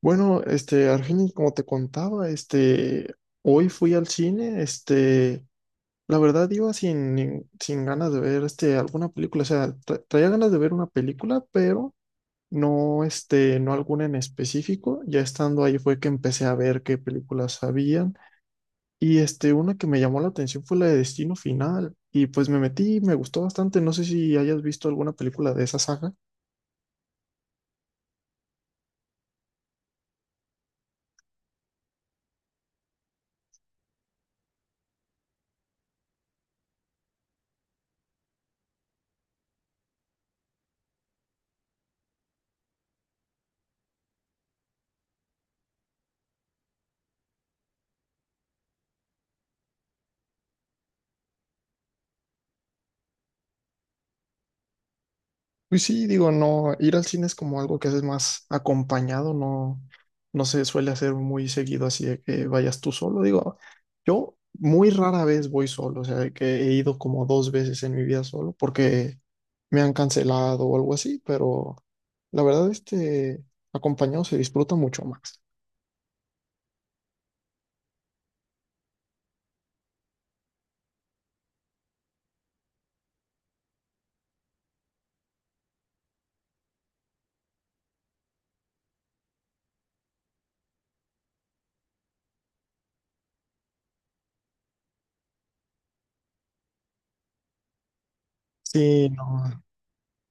Bueno, Argenis, como te contaba, hoy fui al cine. La verdad iba sin ganas de ver, alguna película. O sea, traía ganas de ver una película, pero no, no alguna en específico. Ya estando ahí fue que empecé a ver qué películas habían. Y una que me llamó la atención fue la de Destino Final, y pues me metí, me gustó bastante. No sé si hayas visto alguna película de esa saga. Pues sí, digo, no, ir al cine es como algo que haces más acompañado. No, no se suele hacer muy seguido así de que vayas tú solo. Digo, yo muy rara vez voy solo. O sea, de que he ido como dos veces en mi vida solo porque me han cancelado o algo así, pero la verdad, acompañado se disfruta mucho más. Sí, no,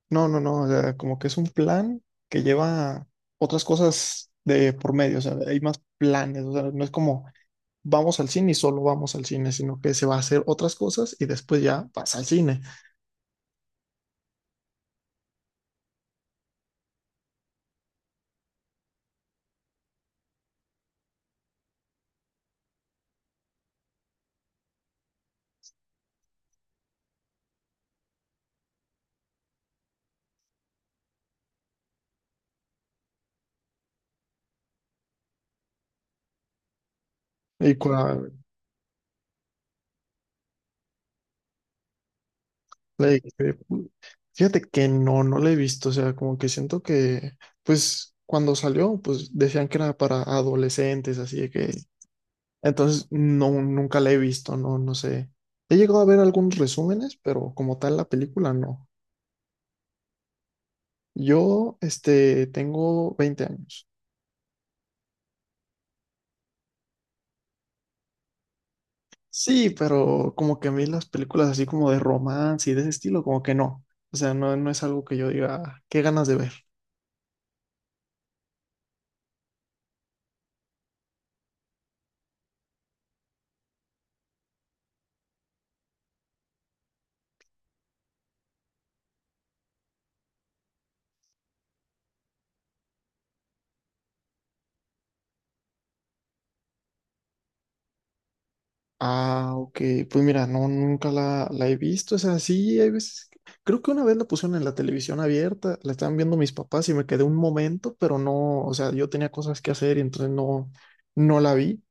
no, no, no, o sea, como que es un plan que lleva otras cosas de por medio. O sea, hay más planes. O sea, no es como vamos al cine y solo vamos al cine, sino que se va a hacer otras cosas y después ya vas al cine. Y cua- le- eh, fíjate que no, no la he visto. O sea, como que siento que, pues, cuando salió, pues decían que era para adolescentes, así de que, entonces, no, nunca la he visto. No, no sé. He llegado a ver algunos resúmenes, pero como tal la película no. Yo, tengo 20 años. Sí, pero como que a mí las películas así como de romance y de ese estilo, como que no. O sea, no, no es algo que yo diga, "Ah, qué ganas de ver". Ah, ok, pues mira, no, nunca la he visto. O sea, sí, hay veces. Creo que una vez la pusieron en la televisión abierta, la estaban viendo mis papás y me quedé un momento, pero no. O sea, yo tenía cosas que hacer y entonces no, no la vi.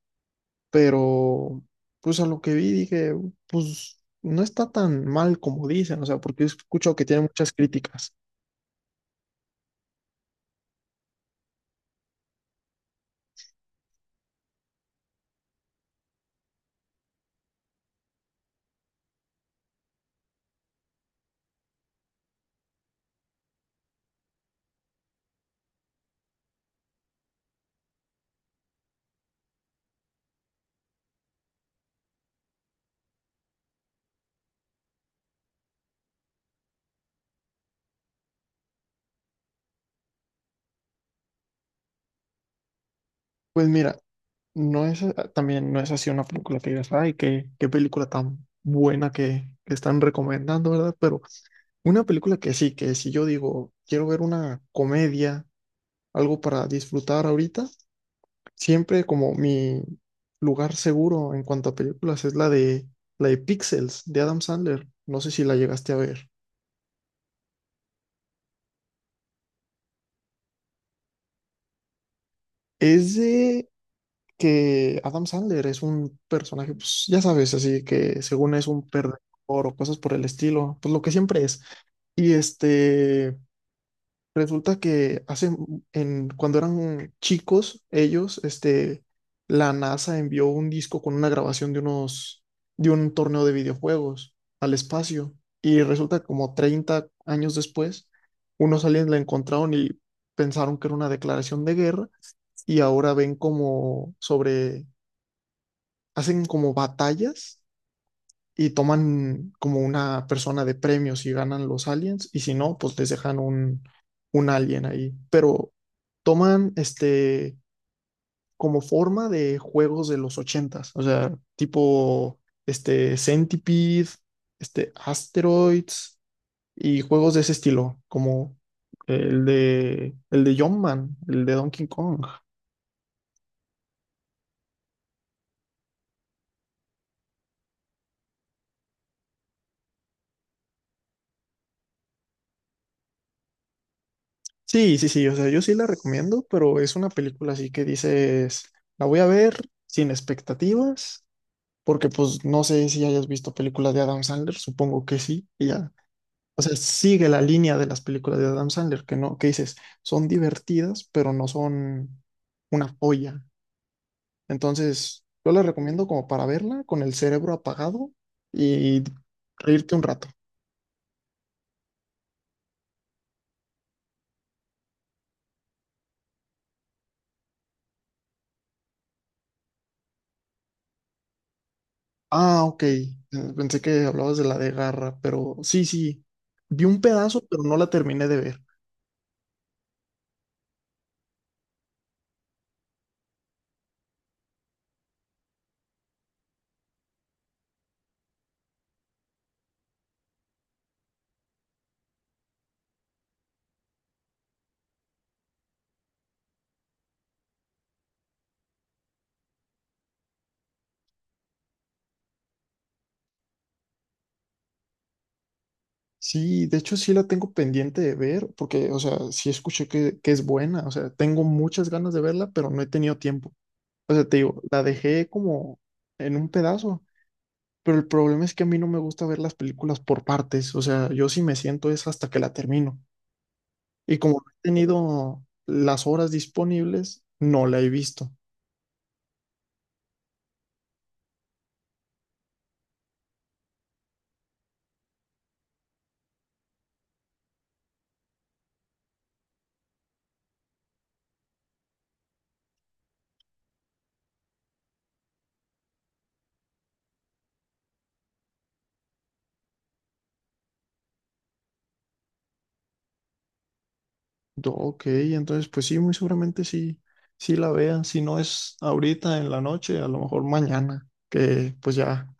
Pero, pues a lo que vi dije, pues no está tan mal como dicen. O sea, porque he escuchado que tiene muchas críticas. Pues mira, también no es así una película que digas, ay, qué película tan buena que están recomendando, ¿verdad? Pero una película que sí, que si yo digo, quiero ver una comedia, algo para disfrutar ahorita, siempre como mi lugar seguro en cuanto a películas es la de Pixels, de Adam Sandler. No sé si la llegaste a ver. Es de que Adam Sandler es un personaje, pues ya sabes, así que según es un perdedor o cosas por el estilo, pues lo que siempre es. Y resulta que hace, cuando eran chicos, ellos, la NASA envió un disco con una grabación de un torneo de videojuegos al espacio. Y resulta que como 30 años después, unos aliens la encontraron y pensaron que era una declaración de guerra. Y ahora ven como sobre, hacen como batallas y toman como una persona de premios si ganan los aliens y si no, pues les dejan un, alien ahí. Pero toman como forma de juegos de los 80. O sea, tipo Centipede, Asteroids y juegos de ese estilo, como el de Jumpman, el de Donkey Kong. Sí, sí, sí, o sea, yo sí la recomiendo, pero es una película así que dices, la voy a ver sin expectativas porque pues no sé si hayas visto películas de Adam Sandler, supongo que sí, y ya. O sea, sigue la línea de las películas de Adam Sandler, que no, que dices, son divertidas, pero no son una joya. Entonces, yo la recomiendo como para verla con el cerebro apagado y reírte un rato. Ah, ok. Pensé que hablabas de la de Garra, pero sí, sí. Vi un pedazo, pero no la terminé de ver. Sí, de hecho sí la tengo pendiente de ver, porque, o sea, sí escuché que es buena. O sea, tengo muchas ganas de verla, pero no he tenido tiempo. O sea, te digo, la dejé como en un pedazo, pero el problema es que a mí no me gusta ver las películas por partes. O sea, yo sí me siento es hasta que la termino. Y como no he tenido las horas disponibles, no la he visto. Yo, ok, entonces pues sí, muy seguramente sí, sí la vean, si no es ahorita en la noche, a lo mejor mañana, que pues ya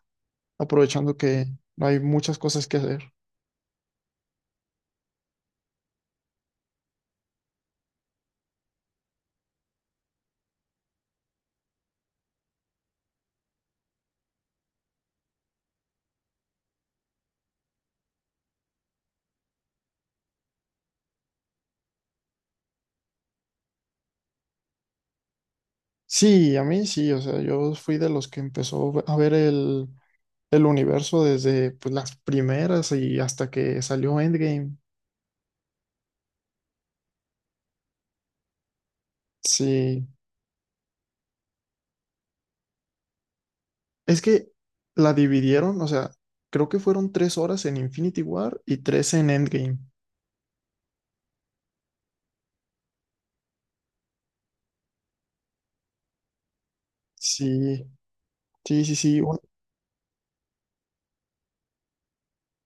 aprovechando que hay muchas cosas que hacer. Sí, a mí sí, o sea, yo fui de los que empezó a ver el universo desde pues, las primeras y hasta que salió Endgame. Sí, es que la dividieron. O sea, creo que fueron 3 horas en Infinity War y tres en Endgame. Sí, sí, sí, sí.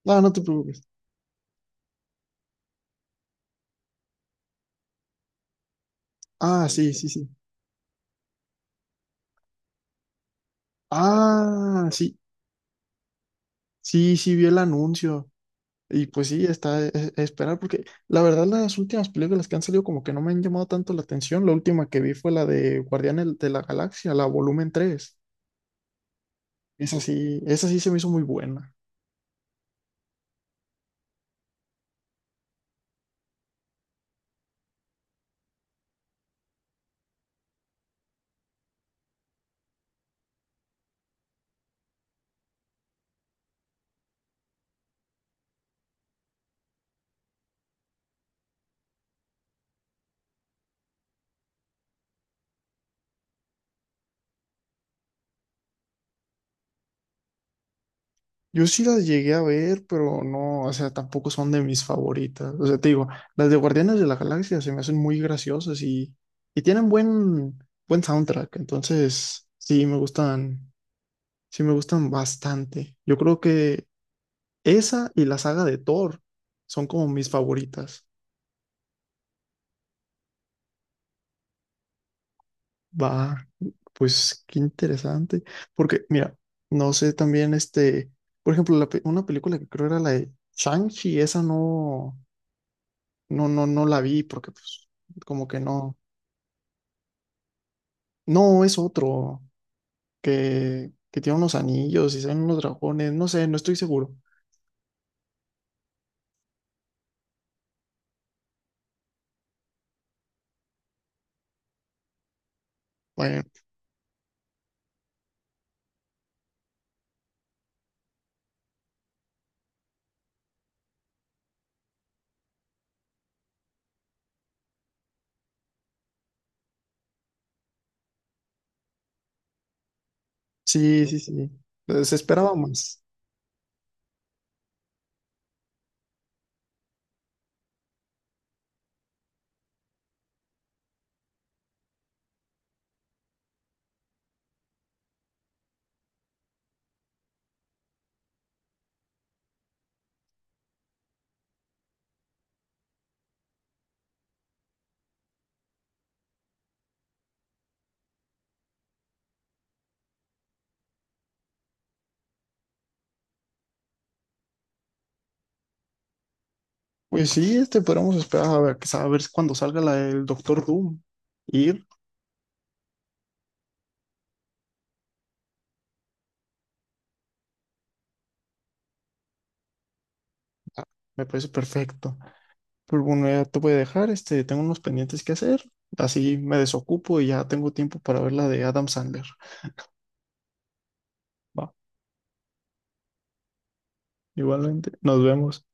No, no te preocupes. Ah, sí, sí, sí. Ah, sí, sí, sí, vi el anuncio. Y pues sí, está esperar, porque la verdad las últimas películas que han salido como que no me han llamado tanto la atención. La última que vi fue la de Guardianes de la Galaxia, la volumen tres. Esa sí se me hizo muy buena. Yo sí las llegué a ver, pero no, o sea, tampoco son de mis favoritas. O sea, te digo, las de Guardianes de la Galaxia se me hacen muy graciosas y tienen buen soundtrack. Entonces, sí me gustan bastante. Yo creo que esa y la saga de Thor son como mis favoritas. Va, pues qué interesante. Porque, mira, no sé también por ejemplo, la una película que creo era la de Shang-Chi, esa no, no, no, no la vi porque pues como que no. No, es otro que tiene unos anillos y salen unos dragones, no sé, no estoy seguro. Bueno, sí, sí, sí. Se esperaba más. Pues sí, podríamos esperar a ver, a ver cuando salga la del Doctor Doom. Ir, Ah, me parece perfecto. Pues bueno, ya te voy a dejar, tengo unos pendientes que hacer, así me desocupo y ya tengo tiempo para ver la de Adam Sandler. Va, igualmente, nos vemos.